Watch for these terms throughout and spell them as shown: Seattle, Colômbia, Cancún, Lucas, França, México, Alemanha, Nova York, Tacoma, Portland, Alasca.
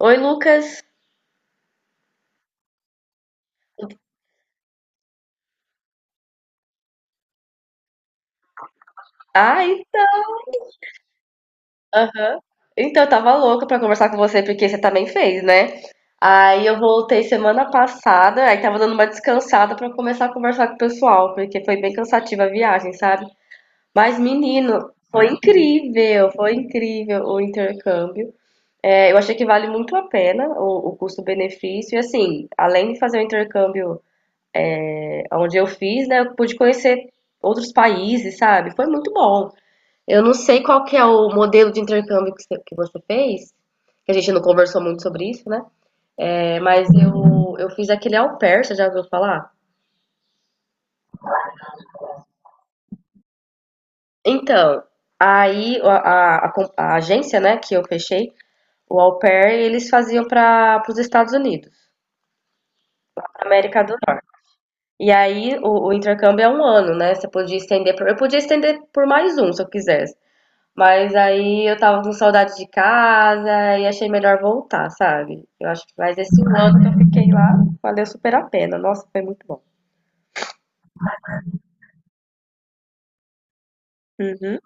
Oi, Lucas. Ai, aham. Então, eu tava louca pra conversar com você porque você também fez, né? Aí eu voltei semana passada, aí tava dando uma descansada pra começar a conversar com o pessoal, porque foi bem cansativa a viagem, sabe? Mas, menino, foi incrível o intercâmbio. É, eu achei que vale muito a pena o custo-benefício. E assim, além de fazer o intercâmbio onde eu fiz, né, eu pude conhecer outros países, sabe? Foi muito bom. Eu não sei qual que é o modelo de intercâmbio que você fez, que a gente não conversou muito sobre isso, né? É, mas eu fiz aquele au pair, você já ouviu falar? Então, aí a agência, né, que eu fechei, o au pair, eles faziam para os Estados Unidos, pra América do Norte. E aí o intercâmbio é um ano, né? Você podia estender por, eu podia estender por mais um, se eu quisesse. Mas aí eu tava com saudade de casa e achei melhor voltar, sabe? Eu acho que mais esse ano que eu fiquei lá, valeu super a pena. Nossa, foi muito bom. Uhum.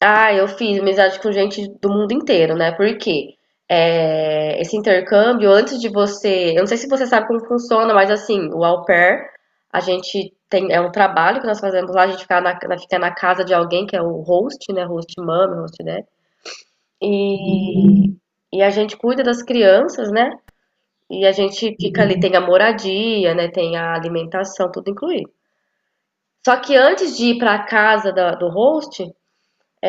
Ah, eu fiz amizade com gente do mundo inteiro, né? Porque esse intercâmbio, antes de você. Eu não sei se você sabe como funciona, mas assim, o au pair, a gente tem. É um trabalho que nós fazemos lá, a gente fica fica na casa de alguém, que é o host, né? Host mama, host dad. E, e a gente cuida das crianças, né? E a gente fica ali, tem a moradia, né? Tem a alimentação, tudo incluído. Só que antes de ir para a casa do host,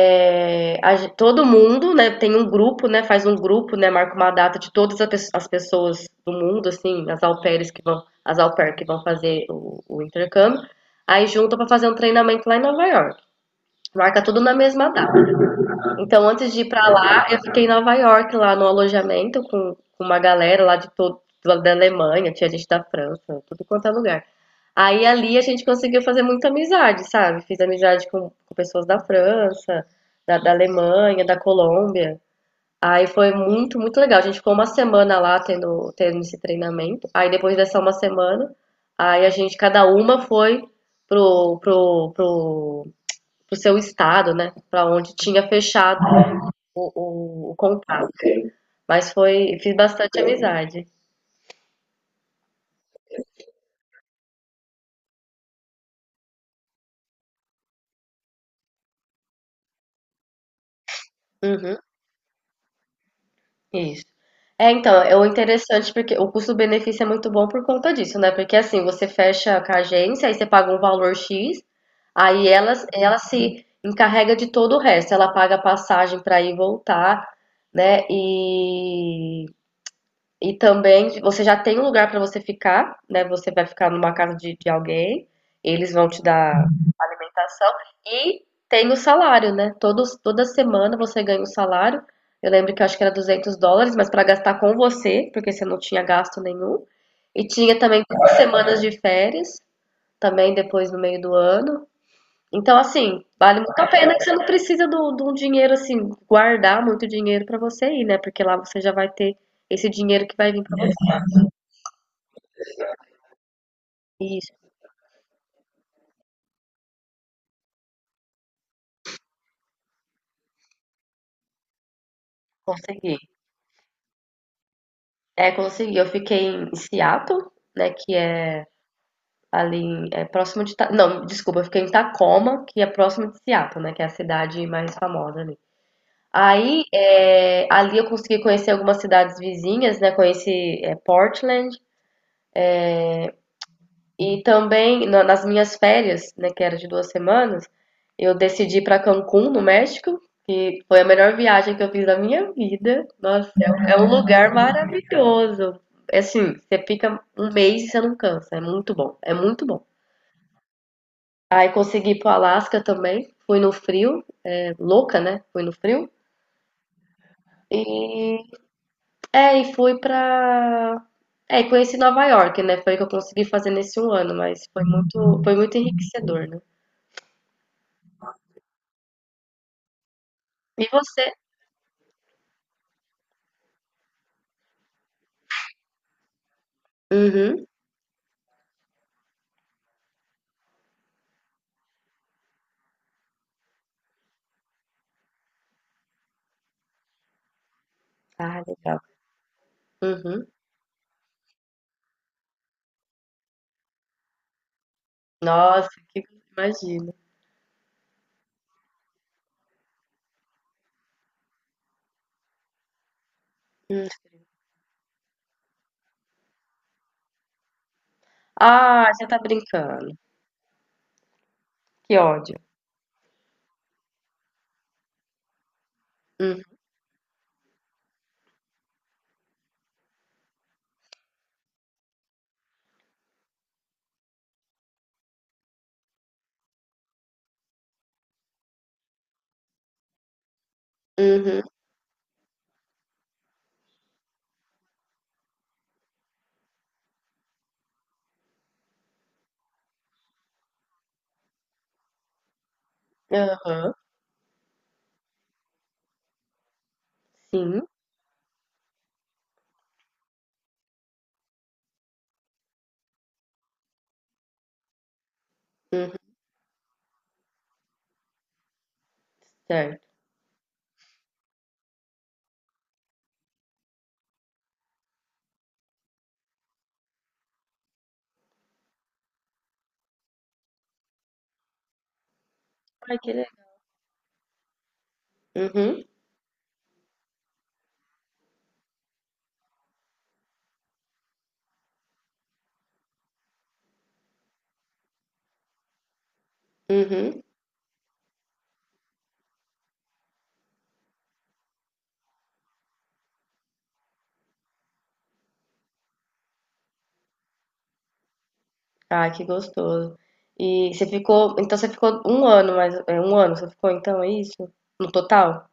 todo mundo, né, tem um grupo, né, faz um grupo, né, marca uma data de todas as pessoas do mundo, assim, as au pairs que vão, as au pair que vão fazer o intercâmbio, aí junta para fazer um treinamento lá em Nova York. Marca tudo na mesma data. Então, antes de ir pra lá, eu fiquei em Nova York, lá no alojamento, com uma galera lá da Alemanha, tinha gente da França, tudo quanto é lugar. Aí ali a gente conseguiu fazer muita amizade, sabe? Fiz amizade com pessoas da França, da Alemanha, da Colômbia. Aí foi muito, muito legal. A gente ficou uma semana lá tendo esse treinamento. Aí depois dessa uma semana, cada uma foi pro, pro, pro, pro seu estado, né? Pra onde tinha fechado o contato. Fiz bastante amizade. Uhum, isso. É, então, é o interessante porque o custo-benefício é muito bom por conta disso, né? Porque assim, você fecha com a agência, aí você paga um valor X, aí ela se encarrega de todo o resto. Ela paga a passagem para ir e voltar, né? E também você já tem um lugar para você ficar, né? Você vai ficar numa casa de alguém, eles vão te dar alimentação e tem o salário, né? Toda semana você ganha o salário. Eu lembro que eu acho que era US$ 200, mas para gastar com você, porque você não tinha gasto nenhum. E tinha também 2 semanas de férias, também depois no meio do ano. Então, assim, vale muito a pena que você não precisa de um dinheiro, assim, guardar muito dinheiro para você ir, né? Porque lá você já vai ter esse dinheiro que vai vir para você. Isso, consegui. É, consegui. Eu fiquei em Seattle, né? Que é ali Não, desculpa, eu fiquei em Tacoma, que é próximo de Seattle, né? Que é a cidade mais famosa ali. Aí, ali eu consegui conhecer algumas cidades vizinhas, né? Conheci Portland e também nas minhas férias, né? Que era de 2 semanas, eu decidi ir para Cancún, no México. E foi a melhor viagem que eu fiz da minha vida. Nossa, é um lugar maravilhoso. É assim, você fica um mês e você não cansa. É muito bom, é muito bom. Aí consegui ir pro Alasca também. Fui no frio, louca, né? Fui no frio. E e fui pra. É, e conheci Nova York, né? Foi o que eu consegui fazer nesse um ano, mas foi muito enriquecedor, né? E você? Uhum. Ah, legal. Uhum. Nossa, que imagina. Ah, você tá brincando. Que ódio. Uhum. Uhum. Aham. Sim. Uhum. Certo. Ai, que legal. Uhum. Uhum. Ah, que gostoso. Então você ficou um ano, mas é um ano você ficou, então é isso? No total?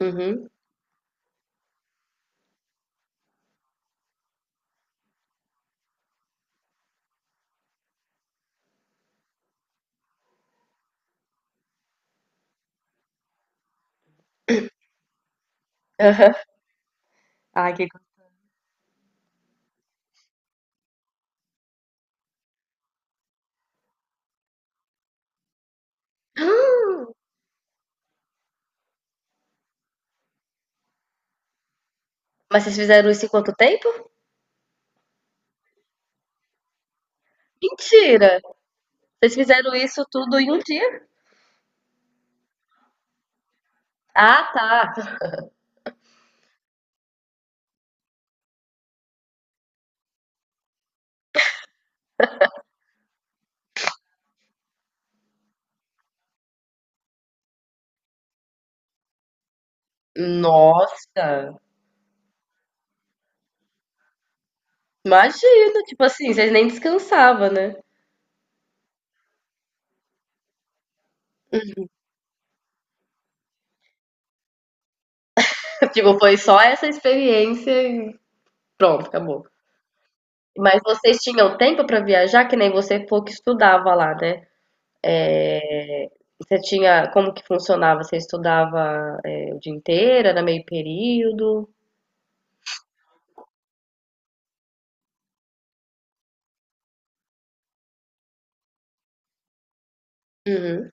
Uhum. Aham. Ah, que gostoso. Mas vocês fizeram isso em quanto tempo? Mentira! Vocês fizeram isso tudo em um dia? Ah, tá. Nossa! Imagina, tipo assim, vocês nem descansavam, né? Tipo, foi só essa experiência e pronto, acabou. Mas vocês tinham tempo pra viajar, que nem você falou que estudava lá, né? Eh, você tinha Como que funcionava? Você estudava, o dia inteiro? Era meio período? Uhum.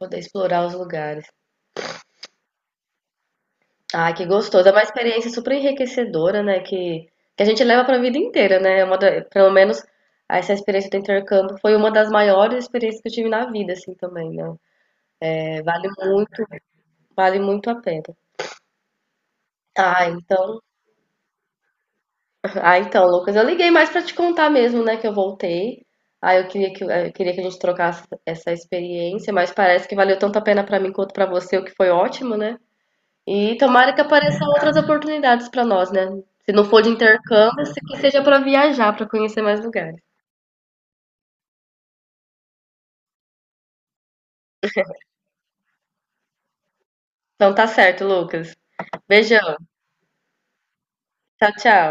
Poder explorar os lugares. Ah, que gostoso. É uma experiência super enriquecedora, né? Que a gente leva para a vida inteira, né? É pelo menos essa experiência do intercâmbio foi uma das maiores experiências que eu tive na vida, assim, também, né? É, vale muito, vale muito a pena. Ah, então. Ah, então, Lucas, eu liguei mais pra te contar mesmo, né, que eu voltei. Ah, eu queria que a gente trocasse essa experiência, mas parece que valeu tanto a pena pra mim quanto pra você, o que foi ótimo, né? E tomara que apareçam outras oportunidades pra nós, né? Se não for de intercâmbio, se que seja pra viajar, pra conhecer mais lugares. Então tá certo, Lucas. Beijão. Tchau, tchau.